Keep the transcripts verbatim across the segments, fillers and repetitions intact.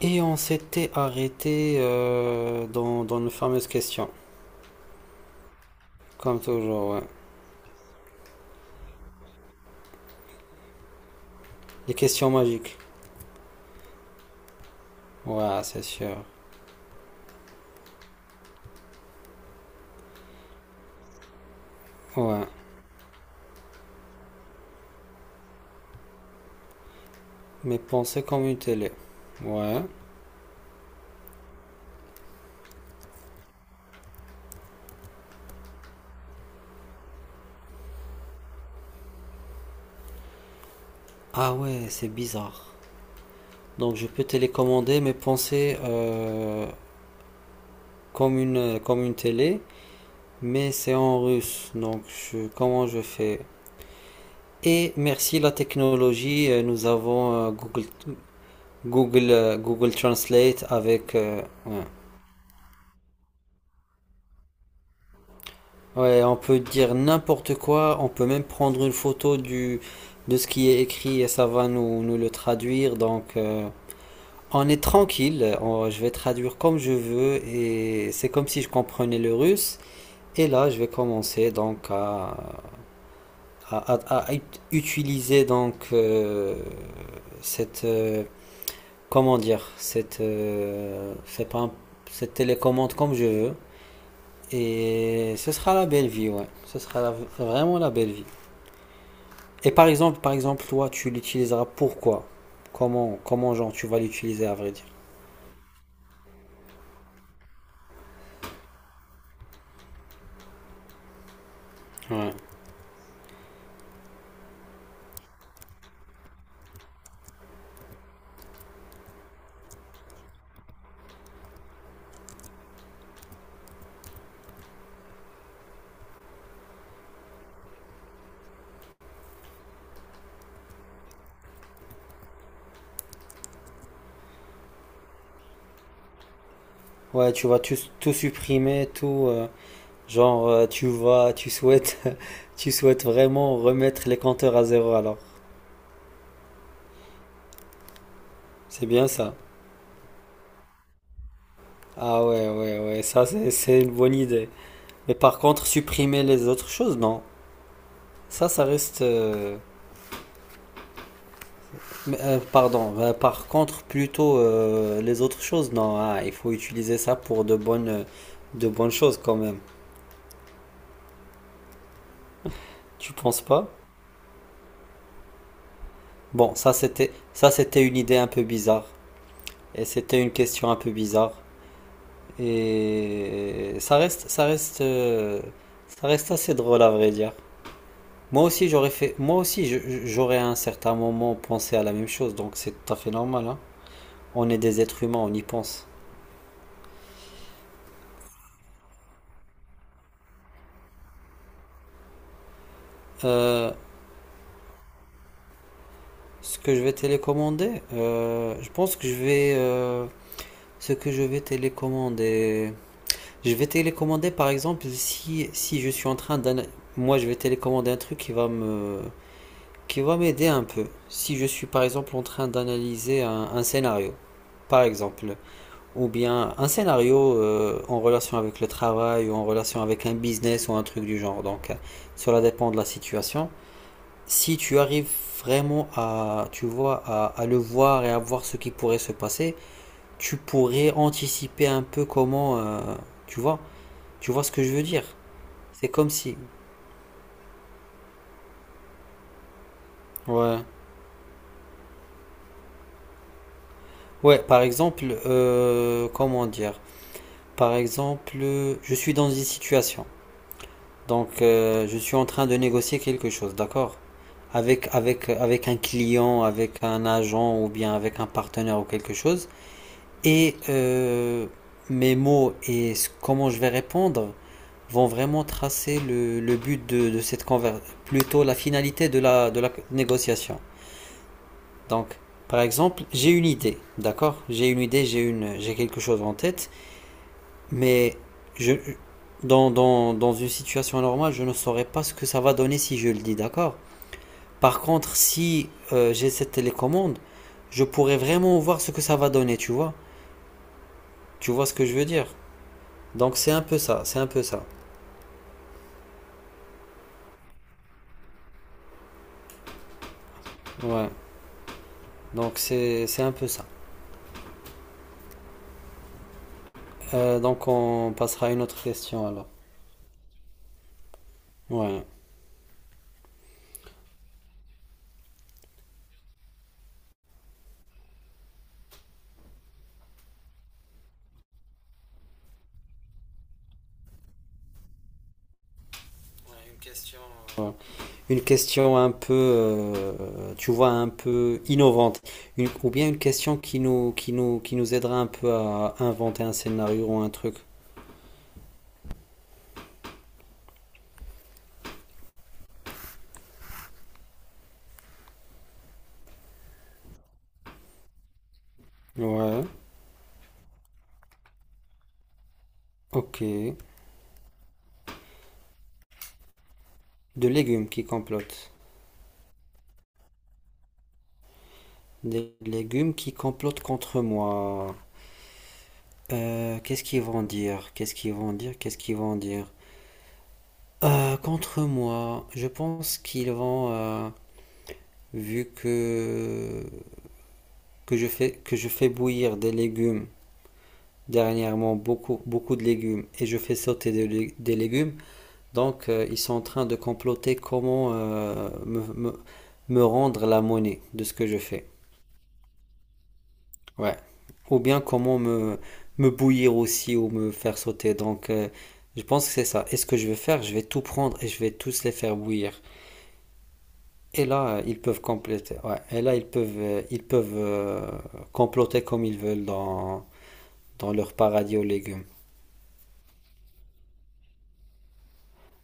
Et on s'était arrêté euh, dans, dans nos fameuses questions, comme toujours, ouais. Les questions magiques. Ouais, c'est sûr. Ouais. Mais penser comme une télé. Ouais. Ah ouais, c'est bizarre. Donc je peux télécommander mes pensées euh, comme une, comme une télé, mais c'est en russe. Donc je- comment je fais? Et merci la technologie, euh, nous avons euh, Google, Google, euh, Google Translate avec. Euh, ouais. Ouais, on peut dire n'importe quoi, on peut même prendre une photo du, de ce qui est écrit et ça va nous, nous le traduire. Donc, euh, on est tranquille, on- je vais traduire comme je veux et c'est comme si je comprenais le russe. Et là, je vais commencer donc à, à- à- à ut- utiliser donc euh, cette, euh, comment dire, cette, euh, c'est pas un- cette télécommande comme je veux. Et ce sera la belle vie, ouais. Ce sera la- vraiment la belle vie. Et par exemple, par exemple, toi, tu l'utiliseras pourquoi? Comment, comment, genre, tu vas l'utiliser, à vrai dire? Ouais. Ouais, tu vas tout, tout supprimer, tout, euh, genre, euh, tu vas, tu souhaites, tu souhaites vraiment remettre les compteurs à zéro, alors. C'est bien ça. Ah ouais, ouais, ouais, ça, c'est, c'est une bonne idée. Mais par contre, supprimer les autres choses, non. Ça, ça reste. Euh, mais, euh, pardon. Euh, par contre, plutôt euh, les autres choses, non. Ah, il faut utiliser ça pour de bonnes, de bonnes choses quand même. Tu penses pas? Bon, ça c'était ça c'était une idée un peu bizarre et c'était une question un peu bizarre et ça reste ça reste euh, ça reste assez drôle à vrai dire. Moi aussi j'aurais fait moi aussi je- je- j'aurais à un certain moment pensé à la même chose donc c'est tout à fait normal, hein. On est des êtres humains, on y pense. Euh, Ce que je vais télécommander, euh, je pense que je vais euh, ce que je vais télécommander. Je vais télécommander par exemple si, si je suis en train d'un. Moi je vais télécommander un truc qui va me... qui va m'aider un peu. Si je suis par exemple en train d'analyser un, un scénario, par exemple, ou bien un scénario euh, en relation avec le travail, ou en relation avec un business ou un truc du genre. Donc euh, cela dépend de la situation. Si tu arrives vraiment à, tu vois, à, à le voir et à voir ce qui pourrait se passer, tu pourrais anticiper un peu comment. Euh, tu vois. Tu vois ce que je veux dire, c'est comme si. Ouais. Ouais, par exemple, euh, comment dire? Par exemple, euh, je suis dans une situation. Donc, euh, je suis en train de négocier quelque chose, d'accord? Avec, avec, avec un client, avec un agent ou bien avec un partenaire ou quelque chose. Et euh, mes mots et ce- comment je vais répondre vont vraiment tracer le, le but de, de cette conversation, plutôt la finalité de la, de la négociation. Donc, par exemple, j'ai une idée, d'accord. J'ai une idée, j'ai une, j'ai quelque chose en tête, mais je, dans, dans, dans une situation normale, je ne saurais pas ce que ça va donner si je le dis, d'accord. Par contre, si euh, j'ai cette télécommande, je pourrais vraiment voir ce que ça va donner, tu vois. Tu vois ce que je veux dire. Donc, c'est un peu ça, c'est un peu ça. Ouais, donc c'est, c'est un peu ça. Euh, donc, on passera à une autre question alors. Ouais. Une question. Ouais. Une question un peu, euh, tu vois, un peu innovante. Une- ou bien une question qui nous, qui nous, qui nous aidera un peu à inventer un scénario ou un truc. Ouais, ok. De légumes qui complotent. Des légumes qui complotent contre moi. Euh, qu'est-ce qu'ils vont dire? Qu'est-ce qu'ils vont dire? Qu'est-ce qu'ils vont dire? Euh, contre moi, je pense qu'ils vont, euh, vu que que je fais que je fais bouillir des légumes dernièrement, beaucoup, beaucoup de légumes et je fais sauter des, des légumes. Donc, euh, ils sont en train de comploter comment euh, me, me- me rendre la monnaie de ce que je fais. Ouais. Ou bien comment me, me bouillir aussi ou me faire sauter. Donc, euh, je pense que c'est ça. Et ce que je vais faire, je vais tout prendre et je vais tous les faire bouillir. Et là, euh, ils peuvent compléter. Ouais. Et là, ils peuvent, euh, ils peuvent euh, comploter comme ils veulent dans, dans leur paradis aux légumes.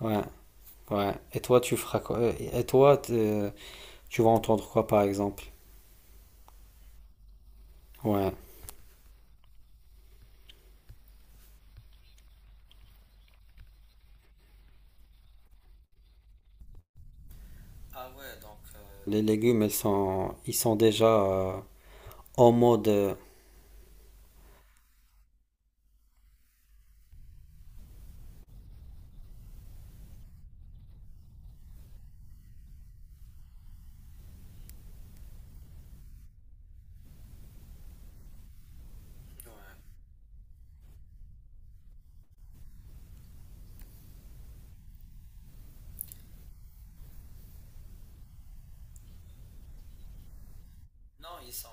Ouais. Ouais. Et toi, tu feras quoi? Euh, Et toi, t'es- tu vas entendre quoi, par exemple? Ouais. Les légumes, ils sont, ils sont déjà euh, en mode. Euh, ils sont.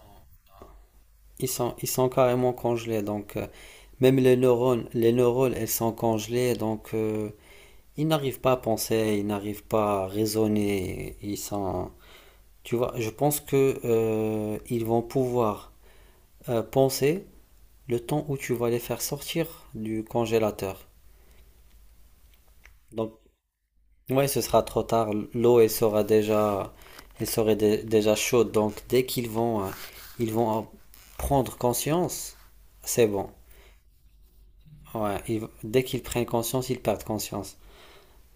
Ils sont, ils sont carrément congelés. Donc, euh, même les neurones, les neurones, elles sont congelées. Donc, euh, ils n'arrivent pas à penser, ils n'arrivent pas à raisonner. Ils sont. Tu vois, je pense que euh, ils vont pouvoir euh, penser le temps où tu vas les faire sortir du congélateur. Donc, ouais, ce sera trop tard. L'eau, elle sera déjà, elle serait dé- déjà chaude. Donc, dès qu'ils vont, euh, ils vont euh, prendre conscience, c'est bon. Ouais, ils- dès qu'ils prennent conscience, ils perdent conscience.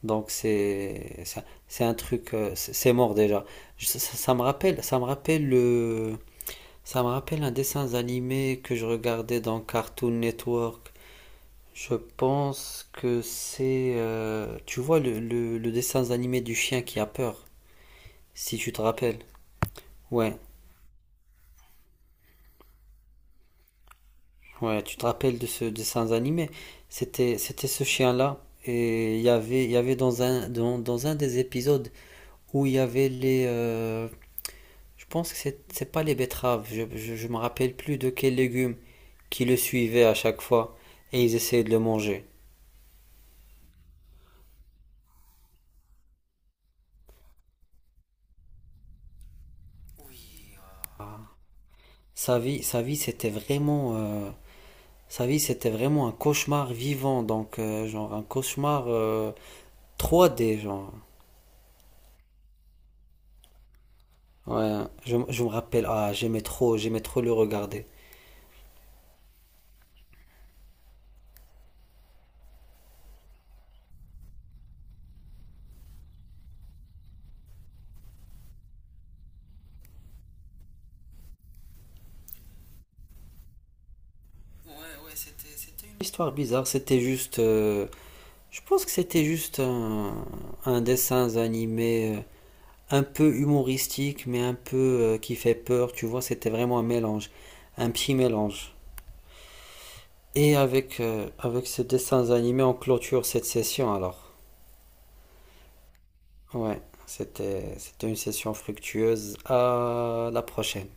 Donc, c'est, ça- c'est un truc, euh, c'est c'est mort déjà. Je- ça, ça me rappelle, ça me rappelle le, ça me rappelle un dessin animé que je regardais dans Cartoon Network. Je pense que c'est, euh, tu vois le, le, le dessin animé du chien qui a peur. Si tu te rappelles. Ouais, ouais, tu te rappelles de ce dessin animé. C'était, c'était ce chien-là. Et il y avait, il y avait dans un, dans, dans un des épisodes où il y avait les. Euh, je pense que c'est, c'est pas les betteraves. Je, je, je me rappelle plus de quels légumes qui le suivaient à chaque fois. Et ils essayaient de le manger. Sa vie, sa vie, c'était vraiment. euh, sa vie, c'était vraiment un cauchemar vivant. Donc, euh, genre, un cauchemar euh, trois D, genre. Ouais, je, je me rappelle, ah, j'aimais trop, j'aimais trop le regarder. Ouais, ouais, c'était, c'était une histoire bizarre, c'était juste, euh, je pense que c'était juste un, un dessin animé euh, un peu humoristique, mais un peu euh, qui fait peur, tu vois, c'était vraiment un mélange, un petit mélange. Et avec, euh, avec ces dessins animés, on clôture cette session alors. Ouais, c'était, c'était une session fructueuse. À la prochaine.